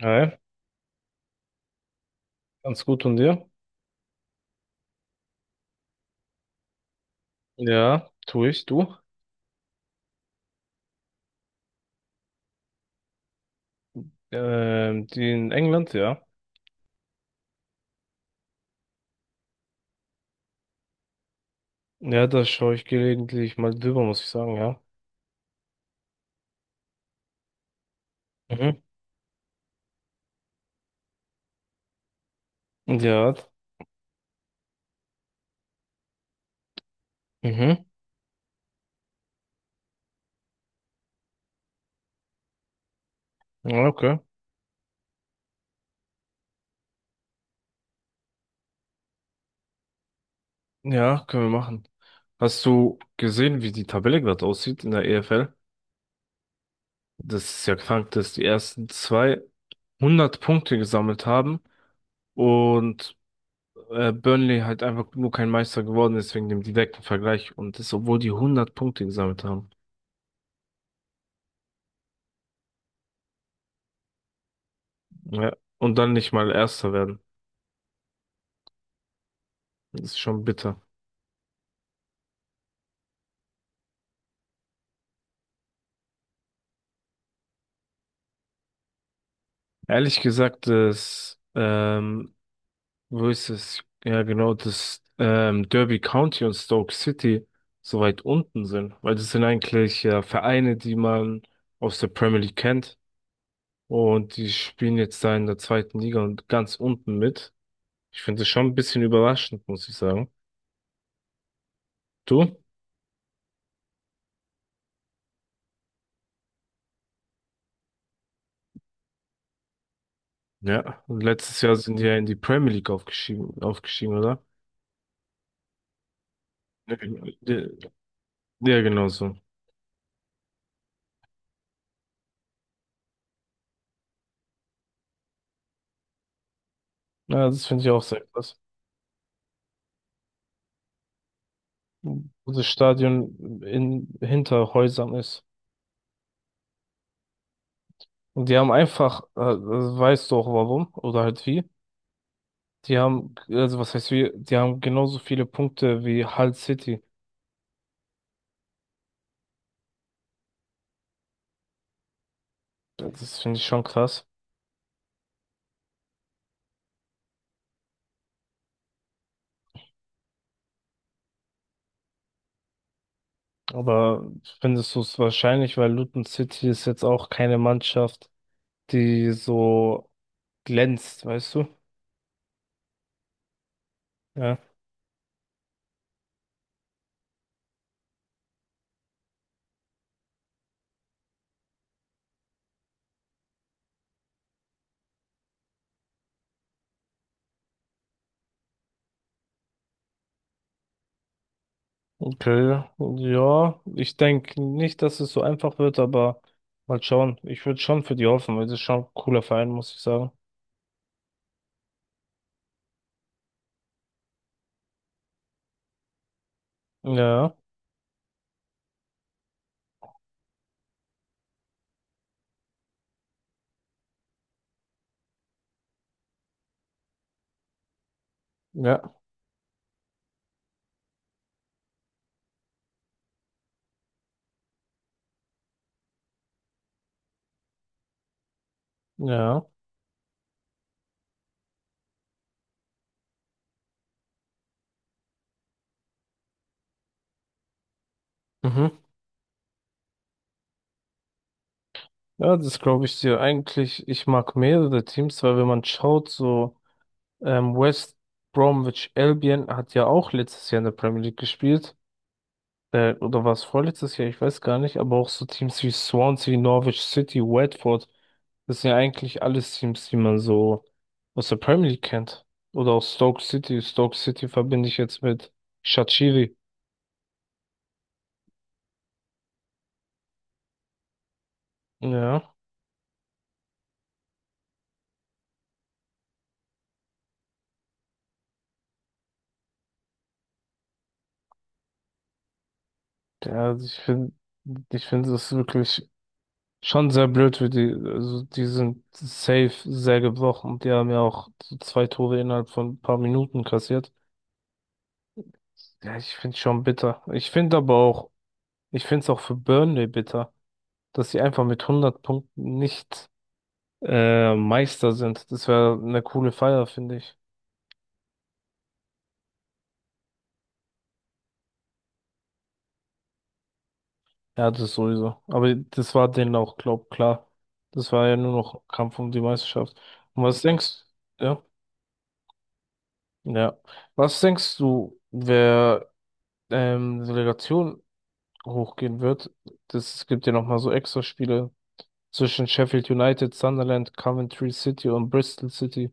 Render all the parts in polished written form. Hi, ganz gut und dir? Ja, tue ich, du? Die in England, ja. Ja, da schaue ich gelegentlich mal drüber, muss ich sagen, ja. Mhm. Ja, mhm. Ja, okay. Ja, können wir machen. Hast du gesehen, wie die Tabelle gerade aussieht in der EFL? Das ist ja krank, dass die ersten zwei 100 Punkte gesammelt haben und Burnley halt einfach nur kein Meister geworden ist wegen dem direkten Vergleich und das, obwohl die 100 Punkte gesammelt haben. Ja. Und dann nicht mal Erster werden. Das ist schon bitter. Ehrlich gesagt, wo ist es? Ja, genau, dass Derby County und Stoke City so weit unten sind, weil das sind eigentlich ja Vereine, die man aus der Premier League kennt und die spielen jetzt da in der zweiten Liga und ganz unten mit. Ich finde das schon ein bisschen überraschend, muss ich sagen. Du? Ja, und letztes Jahr sind die ja in die Premier League aufgestiegen, oder? Ja, ja, genau so. Ja, das finde ich auch sehr krass. Wo das Stadion hinter Häusern ist. Und die haben einfach, also weißt du auch warum oder halt wie, die haben, also was heißt wie, die haben genauso viele Punkte wie Hull City. Das finde ich schon krass. Aber findest du es wahrscheinlich, weil Luton City ist jetzt auch keine Mannschaft, die so glänzt, weißt du? Ja. Okay, ja, ich denke nicht, dass es so einfach wird, aber mal schauen. Ich würde schon für die hoffen, weil das ist schon ein cooler Verein, muss ich sagen. Ja, ja, ja. Mhm. Ja, das glaube ich dir. Eigentlich, ich mag mehrere Teams, weil wenn man schaut, so West Bromwich Albion hat ja auch letztes Jahr in der Premier League gespielt. Oder war es vorletztes Jahr? Ich weiß gar nicht. Aber auch so Teams wie Swansea, Norwich City, Watford, das sind ja eigentlich alles Teams, die man so aus der Premier League kennt. Oder auch Stoke City. Stoke City verbinde ich jetzt mit Shaqiri. Ja, ja, ich finde das wirklich schon sehr blöd für die, also die sind safe sehr gebrochen. Die haben ja auch so zwei Tore innerhalb von ein paar Minuten kassiert. Ja, ich finde schon bitter. Ich finde aber auch, ich finde es auch für Burnley bitter, dass sie einfach mit 100 Punkten nicht Meister sind. Das wäre eine coole Feier, finde ich. Ja, das sowieso. Aber das war denen auch, glaub, klar. Das war ja nur noch Kampf um die Meisterschaft. Und was denkst, ja, ja. Was denkst du, wer Relegation hochgehen wird? Es gibt ja nochmal so Extraspiele zwischen Sheffield United, Sunderland, Coventry City und Bristol City.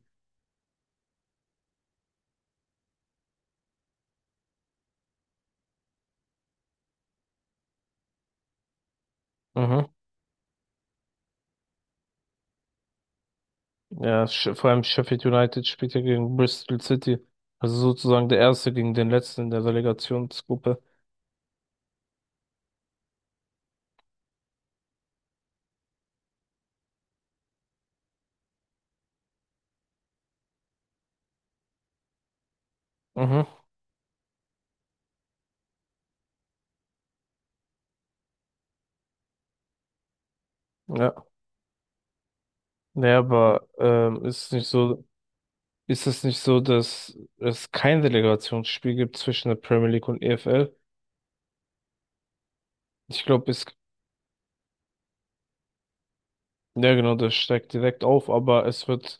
Mhm. Ja, vor allem Sheffield United spielt ja gegen Bristol City. Also sozusagen der Erste gegen den Letzten in der Relegationsgruppe. Mhm. Ja. Naja, aber ist es nicht so, dass es kein Relegationsspiel gibt zwischen der Premier League und EFL? Ich glaube, ja genau, das steigt direkt auf, aber es wird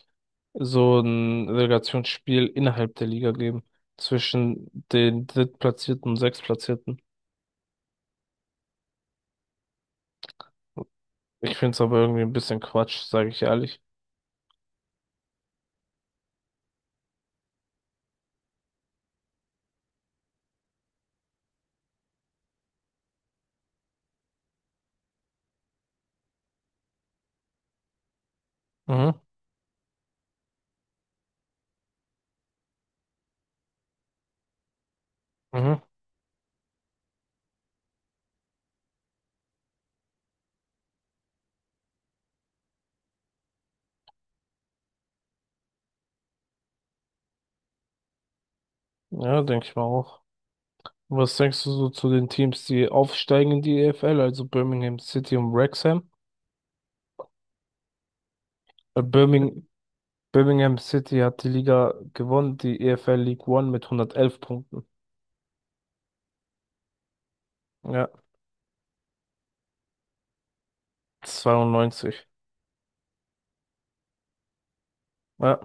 so ein Relegationsspiel innerhalb der Liga geben. Zwischen den Drittplatzierten und Sechstplatzierten. Ich finde es aber irgendwie ein bisschen Quatsch, sage ich ehrlich. Mhm, mhm. Ja, denke ich mal auch. Was denkst du so zu den Teams, die aufsteigen in die EFL, also Birmingham City und Wrexham? Äh, Birmingham, Birmingham City hat die Liga gewonnen, die EFL League One mit 111 Punkten. Ja, 92. Ja,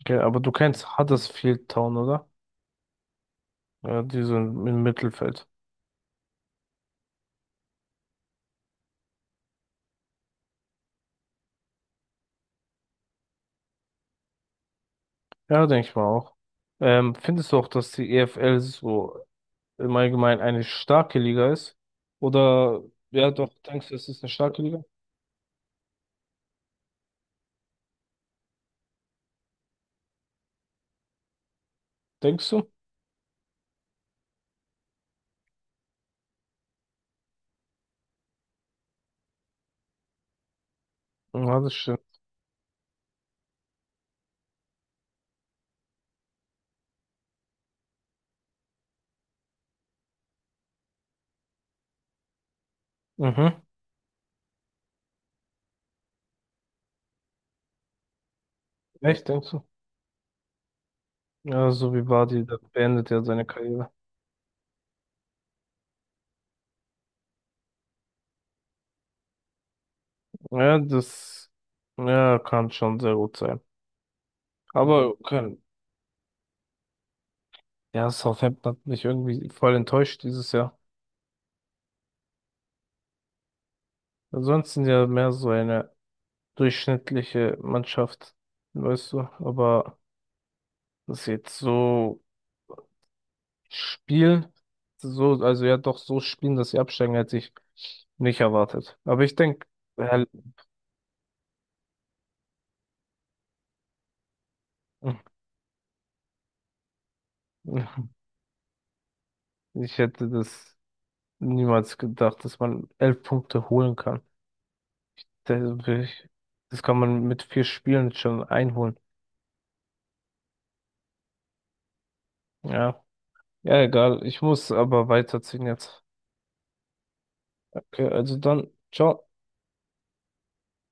okay, aber du kennst Huddersfield Town, oder? Ja, die sind im Mittelfeld. Ja, denke ich mal auch. Findest du auch, dass die EFL so im Allgemeinen eine starke Liga ist? Oder, ja, doch, denkst du, es ist eine starke Liga? Denkst du? Ja, das stimmt. Mhm. Echt, denkst du? Ja, so wie Vardy, der beendet ja seine Karriere. Ja, das ja, kann schon sehr gut sein. Mhm. Aber kann, ja, Southampton hat mich irgendwie voll enttäuscht dieses Jahr. Ansonsten ja mehr so eine durchschnittliche Mannschaft, weißt du. Aber dass sie jetzt so spielen, so, also ja doch so spielen, dass sie absteigen, hätte ich nicht erwartet. Aber ich denke, ich hätte das niemals gedacht, dass man 11 Punkte holen kann. Das, das kann man mit vier Spielen schon einholen. Ja. Ja, egal. Ich muss aber weiterziehen jetzt. Okay, also dann, ciao.